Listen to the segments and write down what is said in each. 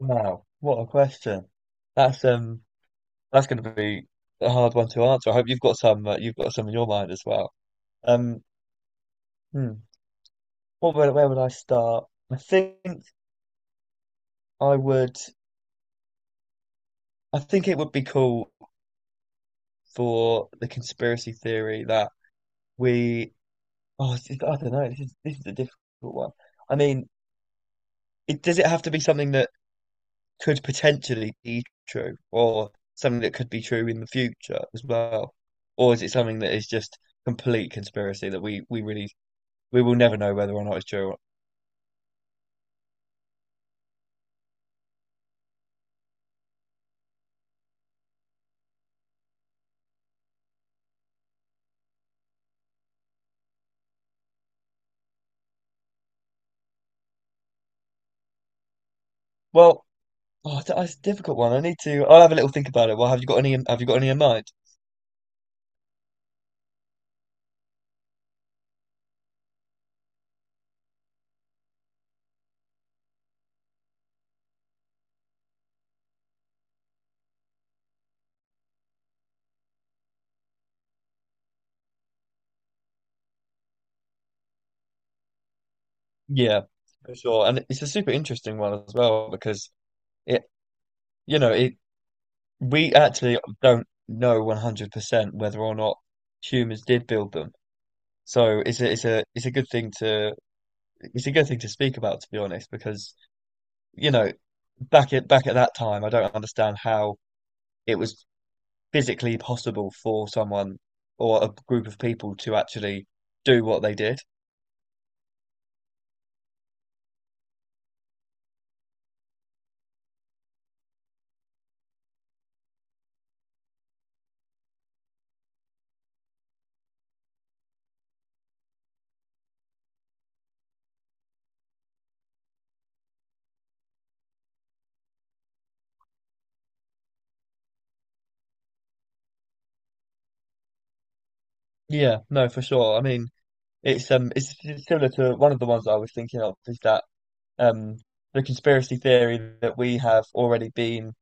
Wow, what a question. That's that's going to be a hard one to answer. I hope you've got some in your mind as well. Um, hmm, where would I start? I think I would I think it would be cool for the conspiracy theory that we I don't know, this is a difficult one. I mean, it does it have to be something that could potentially be true or something that could be true in the future as well? Or is it something that is just complete conspiracy that we really we will never know whether or not it's true? Or, well, oh, that's a difficult one. I need to. I'll have a little think about it. Well, have you got any? Have you got any in mind? Yeah, for sure. And it's a super interesting one as well because it, you know, it we actually don't know 100% whether or not humans did build them. So it's a good thing to it's a good thing to speak about, to be honest, because you know, back at that time, I don't understand how it was physically possible for someone or a group of people to actually do what they did. Yeah, no, for sure. I mean, it's similar to one of the ones I was thinking of is that um, the conspiracy theory that we have already been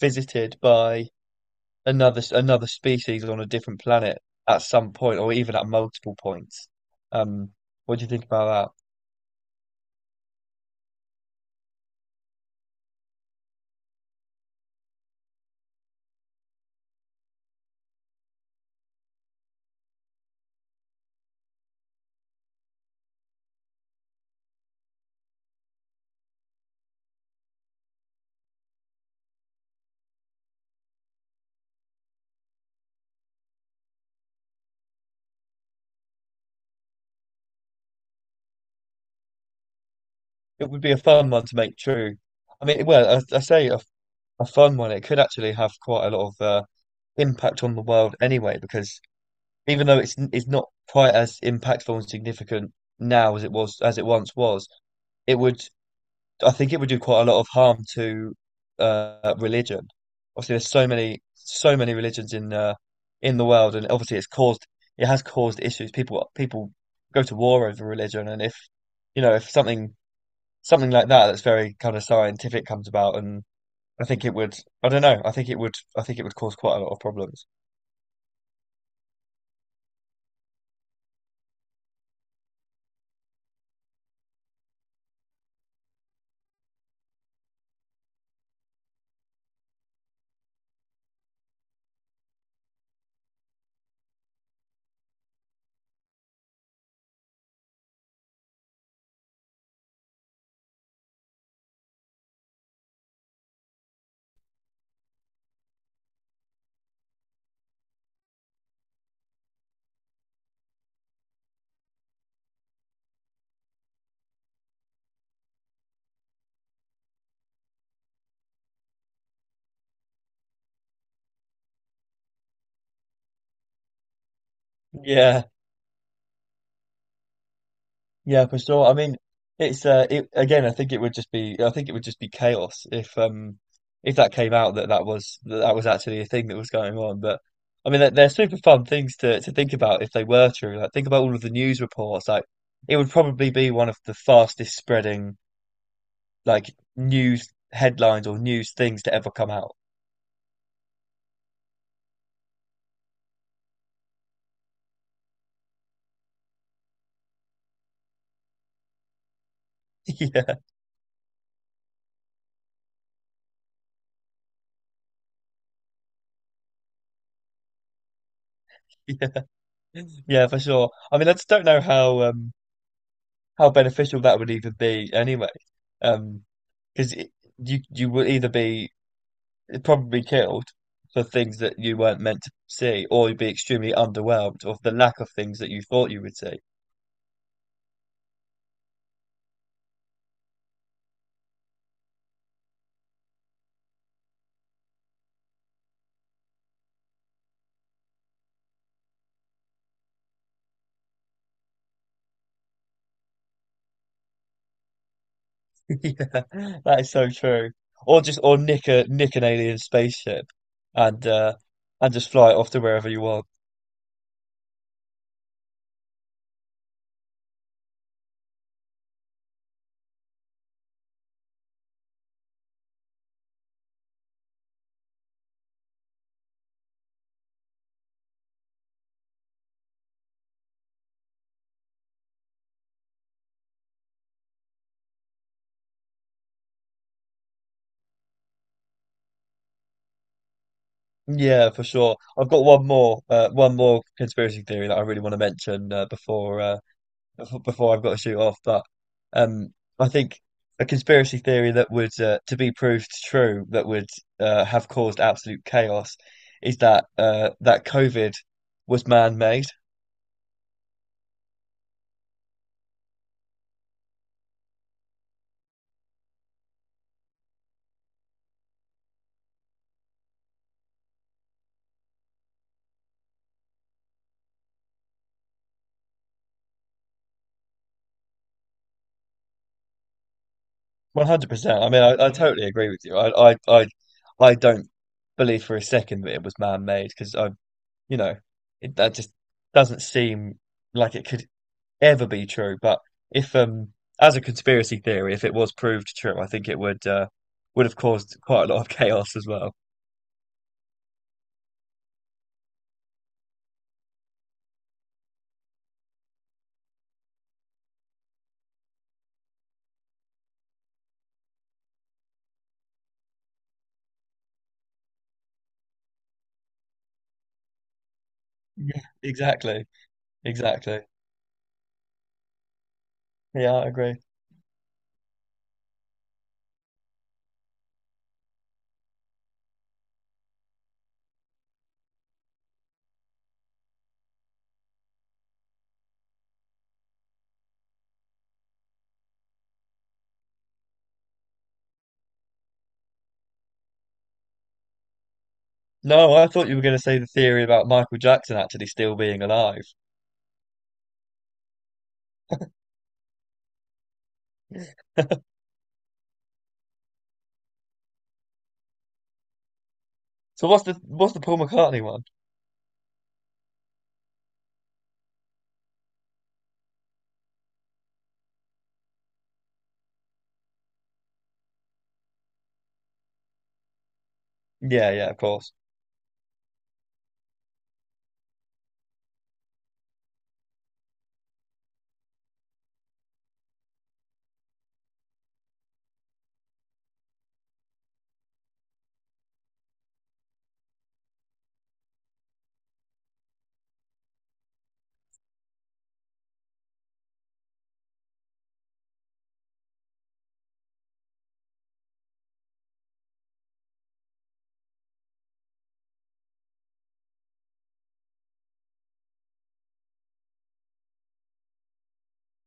visited by another species on a different planet at some point, or even at multiple points. Um, what do you think about that? It would be a fun one to make true. I mean, well, I say a fun one. It could actually have quite a lot of impact on the world anyway, because even though it's not quite as impactful and significant now as it was as it once was, it would, I think it would do quite a lot of harm to religion. Obviously, there's so many religions in the world, and obviously it's caused it has caused issues. People go to war over religion, and if you know, if something, something like that that's very kind of scientific comes about, and I think it would, I don't know, I think it would, I think it would cause quite a lot of problems. Yeah yeah for sure. I mean, again, I think it would just be, I think it would just be chaos if that came out that that was actually a thing that was going on. But I mean, they're super fun things to think about if they were true. Like, think about all of the news reports. Like it would probably be one of the fastest spreading, like, news headlines or news things to ever come out. Yeah. Yeah, for sure. I mean, I just don't know how beneficial that would even be anyway. Um, because you would either be probably killed for things that you weren't meant to see, or you'd be extremely underwhelmed of the lack of things that you thought you would see. Yeah, that is so true. Or just, or nick a, nick an alien spaceship and uh and just fly it off to wherever you want. Yeah, for sure. I've got one more conspiracy theory that I really want to mention before before I've got to shoot off. But um, I think a conspiracy theory that would to be proved true that would have caused absolute chaos is that that COVID was man-made. 100%. I mean, I yeah, totally agree with you. I don't believe for a second that it was man-made because you know, that just doesn't seem like it could ever be true. But if as a conspiracy theory, if it was proved true, I think it would have caused quite a lot of chaos as well. Yeah, exactly. Exactly. Yeah, I agree. No, I thought you were going to say the theory about Michael Jackson actually still being alive. So what's the Paul McCartney one? Yeah, yeah, of course.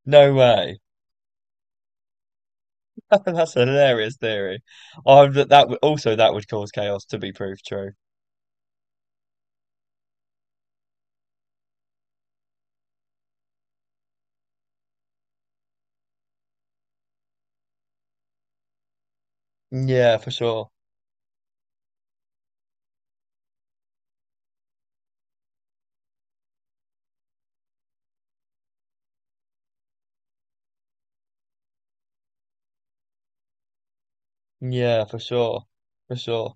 No way. That's a hilarious theory. I that that would also, that would cause chaos to be proved true. Yeah, for sure. Yeah, for sure. For sure.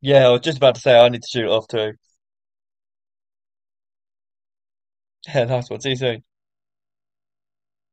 Yeah, I was just about to say I need to shoot off too. Yeah, nice one. See you soon.